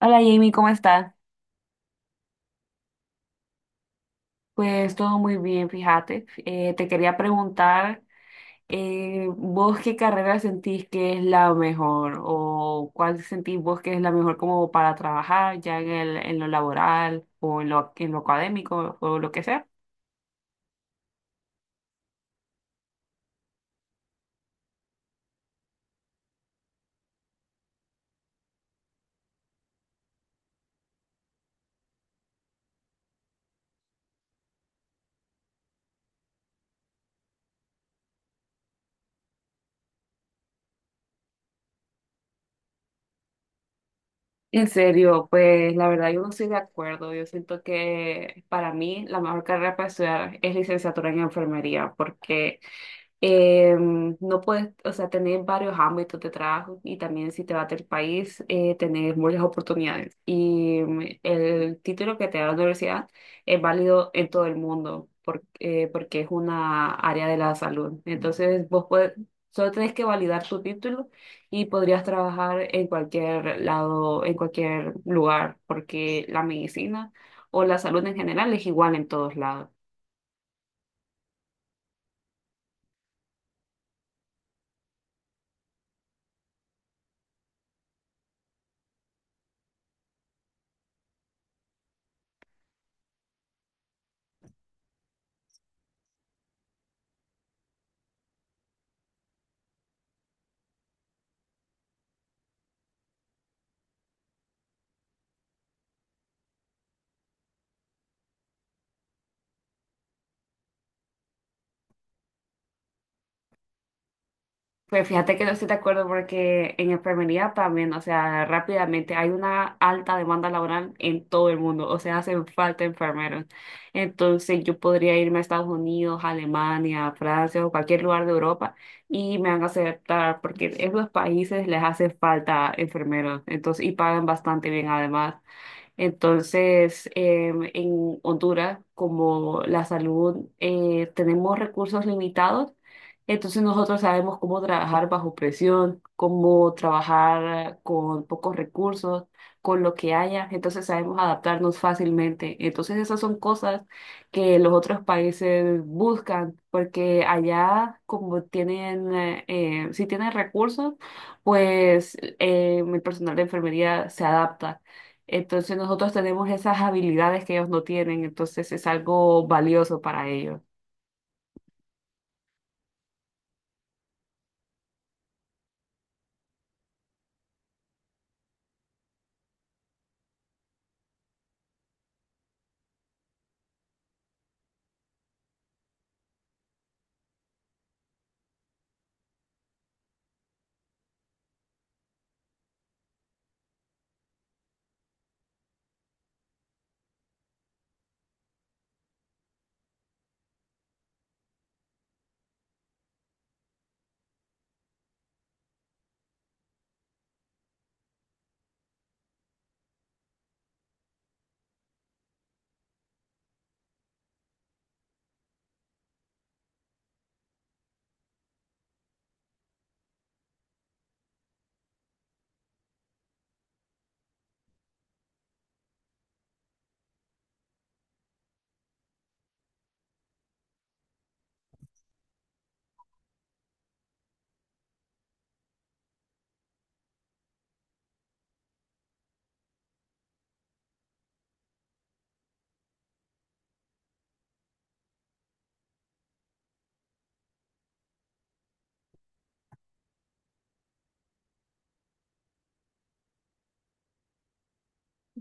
Hola Jamie, ¿cómo estás? Pues todo muy bien, fíjate. Te quería preguntar, ¿vos qué carrera sentís que es la mejor? ¿O cuál sentís vos que es la mejor como para trabajar ya en lo laboral o en lo académico o lo que sea? En serio, pues la verdad yo no estoy de acuerdo. Yo siento que para mí la mejor carrera para estudiar es licenciatura en enfermería porque no puedes, o sea, tener varios ámbitos de trabajo y también si te vas del país, tener muchas oportunidades. Y el título que te da la universidad es válido en todo el mundo porque es una área de la salud. Entonces, vos puedes, solo tenés que validar tu título y podrías trabajar en cualquier lado, en cualquier lugar, porque la medicina o la salud en general es igual en todos lados. Pues fíjate que no estoy de acuerdo porque en enfermería también, o sea, rápidamente hay una alta demanda laboral en todo el mundo, o sea, hacen falta enfermeros. Entonces yo podría irme a Estados Unidos, Alemania, Francia o cualquier lugar de Europa y me van a aceptar porque en los países les hace falta enfermeros, entonces, y pagan bastante bien además. Entonces, en Honduras, como la salud, tenemos recursos limitados, entonces nosotros sabemos cómo trabajar bajo presión, cómo trabajar con pocos recursos, con lo que haya, entonces sabemos adaptarnos fácilmente. Entonces, esas son cosas que los otros países buscan, porque allá, como tienen, si tienen recursos, pues el personal de enfermería se adapta. Entonces nosotros tenemos esas habilidades que ellos no tienen, entonces es algo valioso para ellos.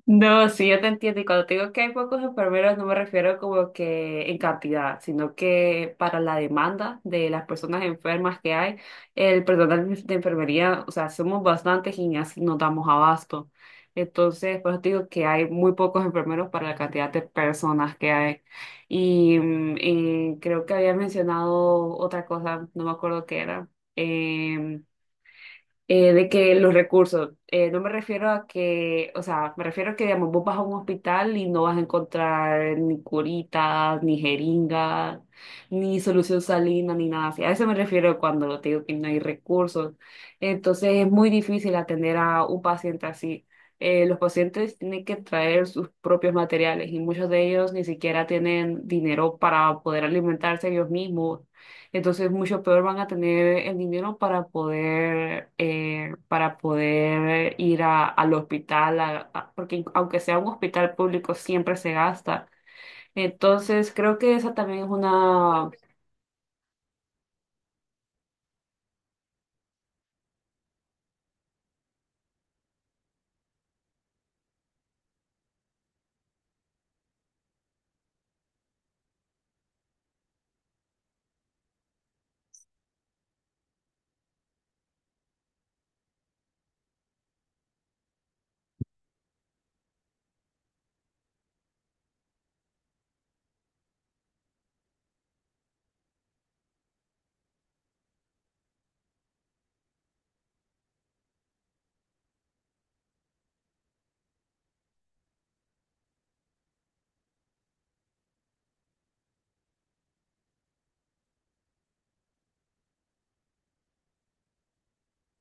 No, sí, yo te entiendo. Y cuando te digo que hay pocos enfermeros, no me refiero como que en cantidad, sino que para la demanda de las personas enfermas que hay, el personal de enfermería, o sea, somos bastantes y ni así nos damos abasto. Entonces, por eso te digo que hay muy pocos enfermeros para la cantidad de personas que hay. Y, creo que había mencionado otra cosa, no me acuerdo qué era. em, de que los recursos, no me refiero a que, o sea, me refiero a que, digamos, vos vas a un hospital y no vas a encontrar ni curitas, ni jeringas, ni solución salina, ni nada así. A eso me refiero cuando te digo que no hay recursos. Entonces es muy difícil atender a un paciente así. Los pacientes tienen que traer sus propios materiales y muchos de ellos ni siquiera tienen dinero para poder alimentarse ellos mismos, entonces mucho peor van a tener el dinero para poder al hospital, porque aunque sea un hospital público, siempre se gasta. Entonces, creo que esa también es una.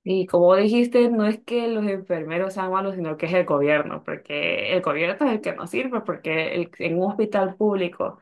Y como dijiste, no es que los enfermeros sean malos, sino que es el gobierno, porque el gobierno es el que nos sirve, porque en un hospital público,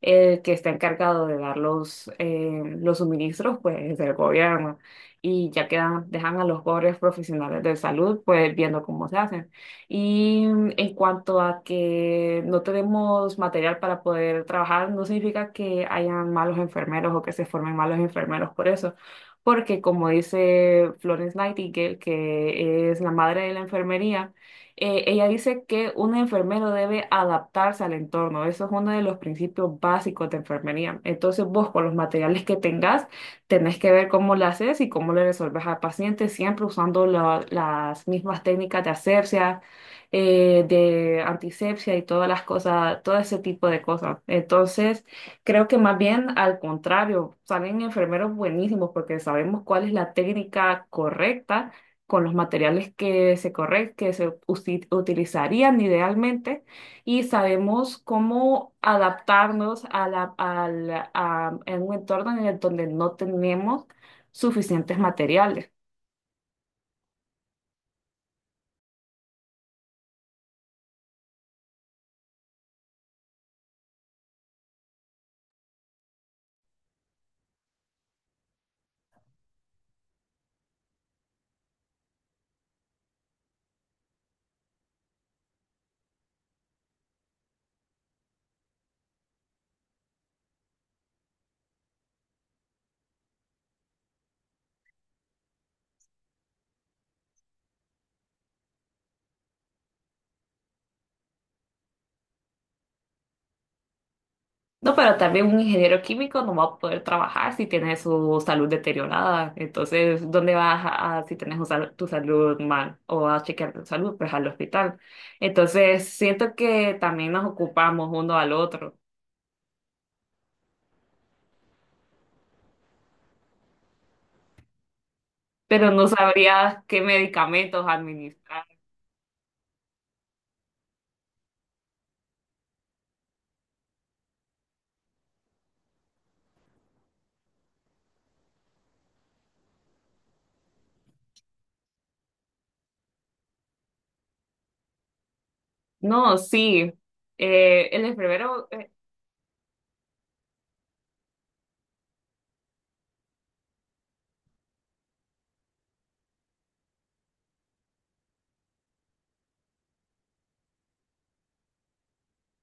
el que está encargado de dar los suministros, pues es el gobierno. Y ya quedan, dejan a los pobres profesionales de salud, pues viendo cómo se hacen. Y en cuanto a que no tenemos material para poder trabajar, no significa que hayan malos enfermeros o que se formen malos enfermeros por eso, porque como dice Florence Nightingale, que es la madre de la enfermería, ella dice que un enfermero debe adaptarse al entorno. Eso es uno de los principios básicos de enfermería. Entonces vos con los materiales que tengas, tenés que ver cómo lo haces y cómo le resolves al paciente, siempre usando las mismas técnicas de asepsia, de antisepsia y todas las cosas, todo ese tipo de cosas. Entonces, creo que más bien al contrario, salen enfermeros buenísimos porque sabemos cuál es la técnica correcta con los materiales que se corre- que se usi- utilizarían idealmente y sabemos cómo adaptarnos a en un entorno en el donde no tenemos suficientes materiales. No, pero también un ingeniero químico no va a poder trabajar si tiene su salud deteriorada. Entonces, ¿dónde vas si tienes tu salud mal o a chequear tu salud? Pues al hospital. Entonces, siento que también nos ocupamos uno al otro, pero no sabrías qué medicamentos administrar. No, sí. El enfermero.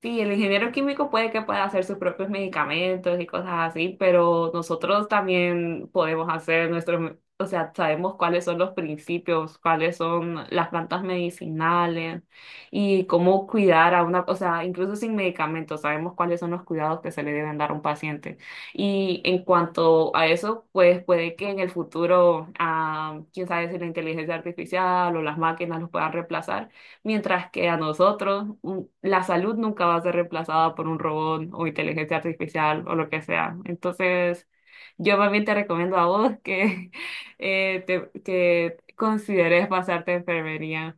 Sí, el ingeniero químico puede que pueda hacer sus propios medicamentos y cosas así, pero nosotros también podemos hacer nuestros, o sea, sabemos cuáles son los principios, cuáles son las plantas medicinales y cómo cuidar a una, o sea, incluso sin medicamentos, sabemos cuáles son los cuidados que se le deben dar a un paciente. Y en cuanto a eso, pues puede que en el futuro, ah, quién sabe si la inteligencia artificial o las máquinas los puedan reemplazar. Mientras que a nosotros la salud nunca va a ser reemplazada por un robot o inteligencia artificial o lo que sea. Entonces, yo más bien te recomiendo a vos que, que consideres pasarte a enfermería.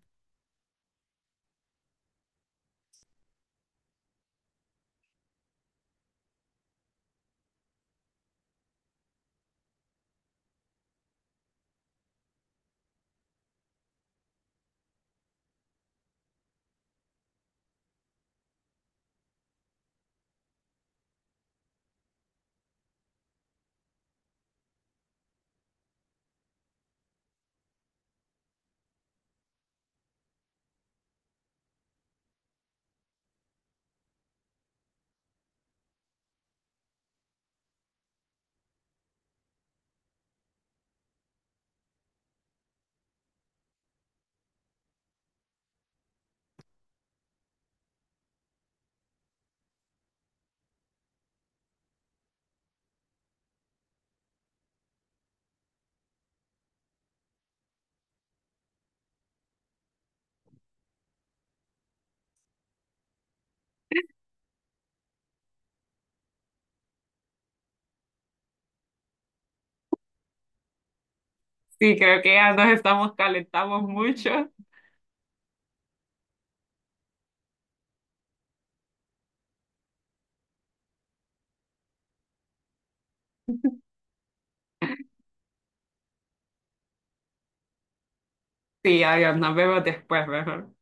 Sí, creo que ya nos estamos calentamos mucho. Sí, adiós, nos vemos después, mejor.